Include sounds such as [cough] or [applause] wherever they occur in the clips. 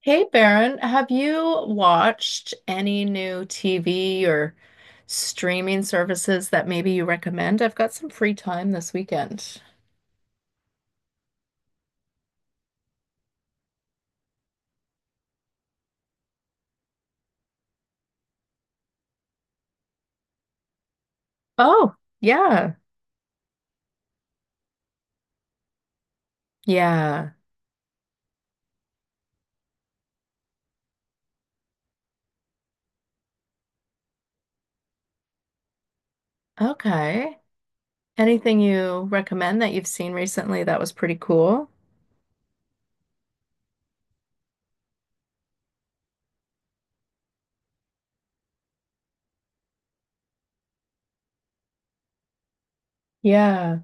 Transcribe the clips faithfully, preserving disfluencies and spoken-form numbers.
Hey Baron, have you watched any new T V or streaming services that maybe you recommend? I've got some free time this weekend. Oh, yeah. Yeah. Okay. Anything you recommend that you've seen recently that was pretty cool? Yeah.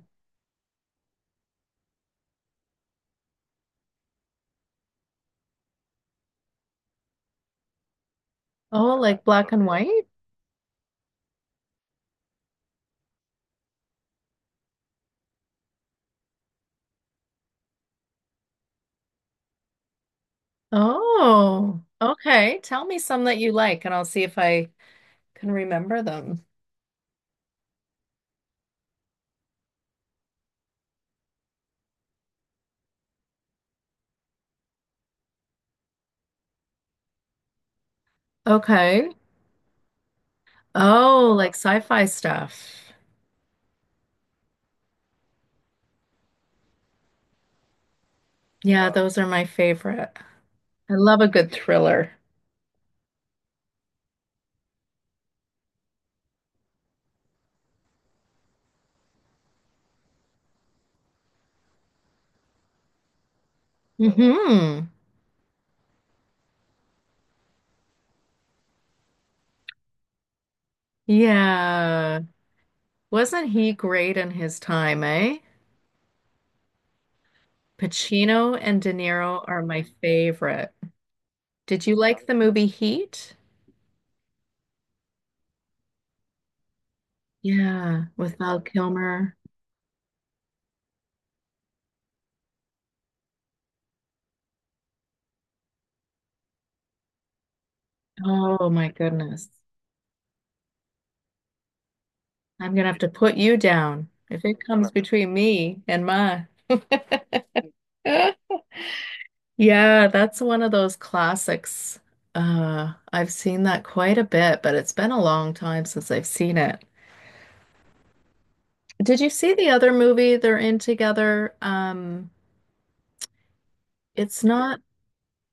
Oh, like black and white? Oh, okay. Tell me some that you like and I'll see if I can remember them. Okay. Oh, like sci-fi stuff. Yeah, those are my favorite. I love a good thriller. Hmm. Yeah. Wasn't he great in his time, eh? Pacino and De Niro are my favorite. Did you like the movie Heat? Yeah, with Val Kilmer. Oh my goodness. I'm gonna have to put you down if it comes between me and mine. [laughs] Yeah, that's one of those classics. Uh, I've seen that quite a bit, but it's been a long time since I've seen it. Did you see the other movie they're in together? Um, it's not.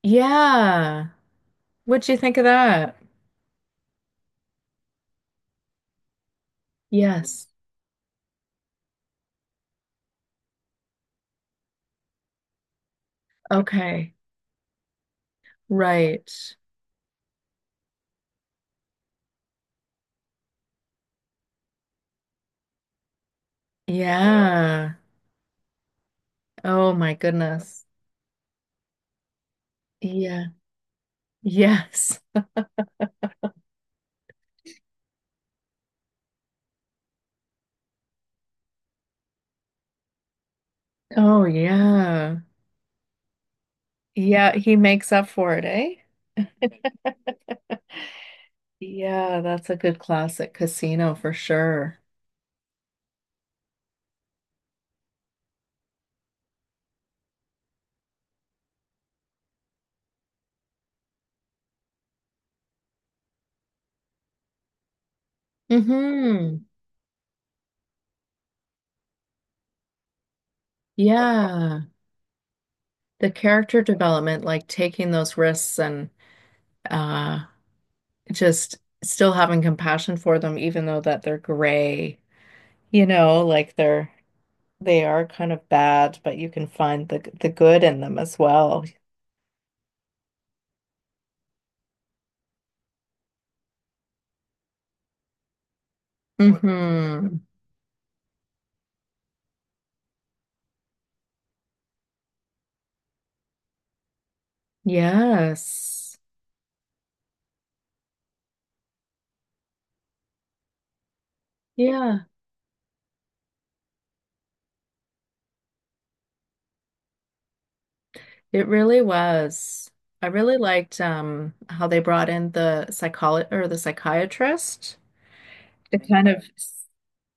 Yeah. What'd you think of that? Yes. Okay. Right. Yeah. Oh my goodness. Yeah. Yes. Oh yeah. Yeah, he makes up for it, eh? Yeah, that's a good classic casino for sure. Mm-hmm. Yeah. The character development, like taking those risks and uh just still having compassion for them, even though that they're gray, you know, like they're they are kind of bad, but you can find the the good in them as well. Mm-hmm. Yes. Yeah, it really was. I really liked um how they brought in the psycholo or the psychiatrist to kind of—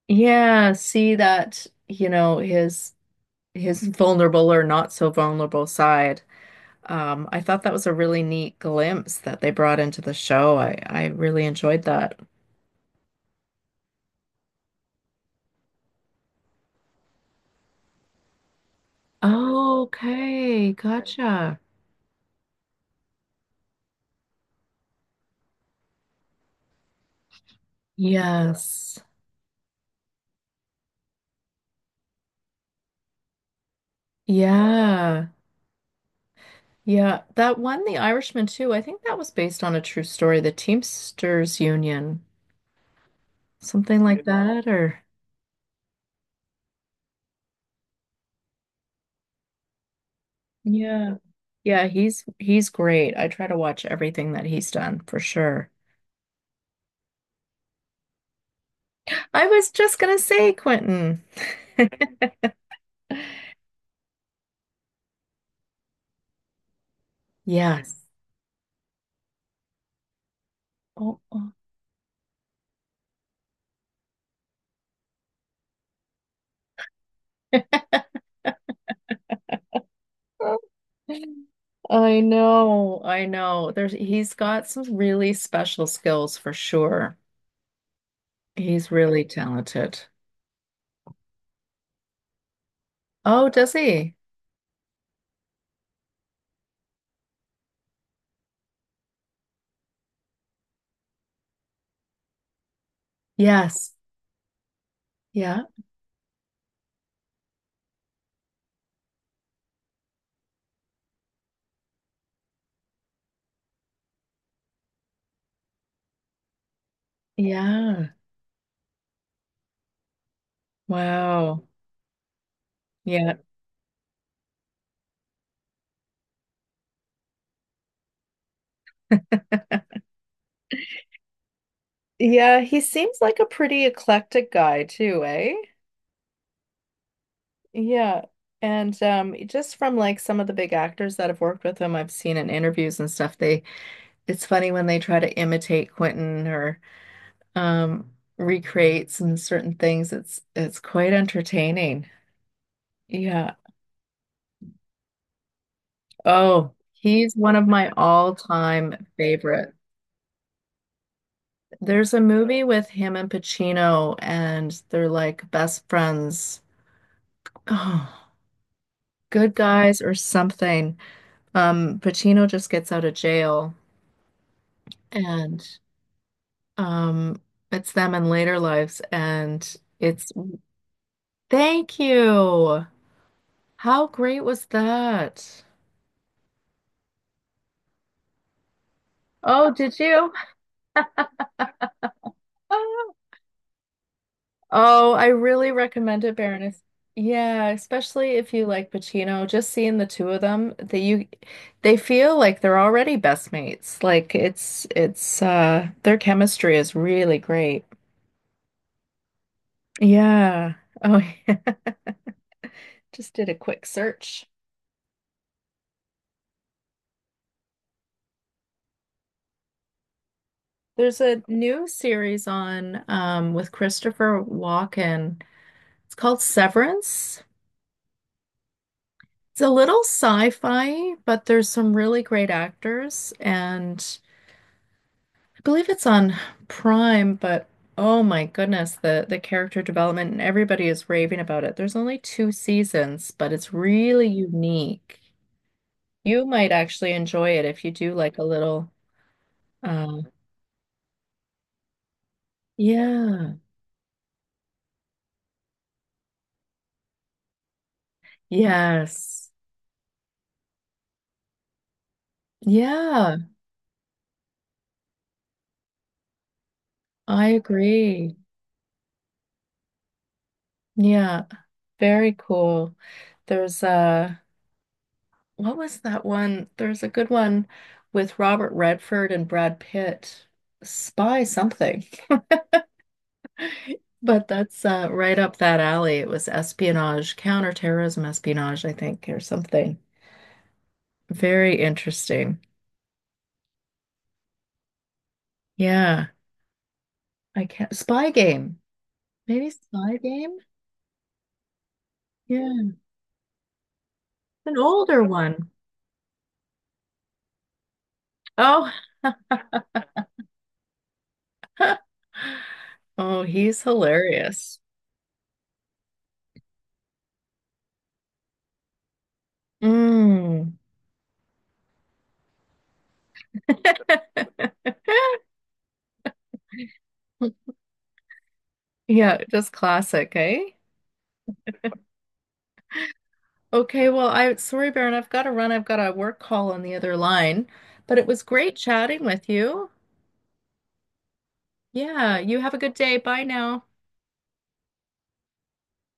Yeah, see that, you know, his his vulnerable or not so vulnerable side. Um, I thought that was a really neat glimpse that they brought into the show. I I really enjoyed that. Oh, okay, gotcha. Yes. Yeah. Yeah, that one, The Irishman too. I think that was based on a true story, the Teamsters Union, something like that or yeah. Yeah, he's he's great. I try to watch everything that he's done for sure. I was just gonna say, Quentin. [laughs] Yes. Oh, oh. [laughs] I know, I know. There's— he's got some really special skills for sure. He's really talented. Oh, does he? Yes. Yeah. Yeah. Wow. Yeah. Yeah, he seems like a pretty eclectic guy too, eh? Yeah. And um just from like some of the big actors that have worked with him, I've seen in interviews and stuff, they— it's funny when they try to imitate Quentin or um, recreate some certain things. It's it's quite entertaining. Yeah. Oh, he's one of my all-time favorite. There's a movie with him and Pacino, and they're like best friends. Oh, good guys or something. Um, Pacino just gets out of jail, and um, it's them in later lives, and it's— thank you. How great was that? Oh, did you? [laughs] Oh, I really recommend it, Baroness. Yeah, especially if you like Pacino, just seeing the two of them, that you— they feel like they're already best mates. Like it's it's uh their chemistry is really great. Yeah. Oh, [laughs] yeah. Just did a quick search. There's a new series on um with Christopher Walken. It's called Severance. It's a little sci-fi, but there's some really great actors, and I believe it's on Prime, but oh my goodness, the the character development and everybody is raving about it. There's only two seasons, but it's really unique. You might actually enjoy it if you do like a little uh yeah. Yes. Yeah, I agree. Yeah, very cool. There's uh— what was that one? There's a good one with Robert Redford and Brad Pitt. Spy something. [laughs] But that's uh, right up that alley. It was espionage, counterterrorism espionage, I think, or something. Very interesting. Yeah. I can't. Spy Game. Maybe Spy Game? Yeah. An older one. Oh. [laughs] Oh, he's hilarious. Mm. [laughs] Yeah, just classic, eh? Okay, well, I— sorry, Baron, I've got to run. I've got a work call on the other line, but it was great chatting with you. Yeah, you have a good day. Bye now.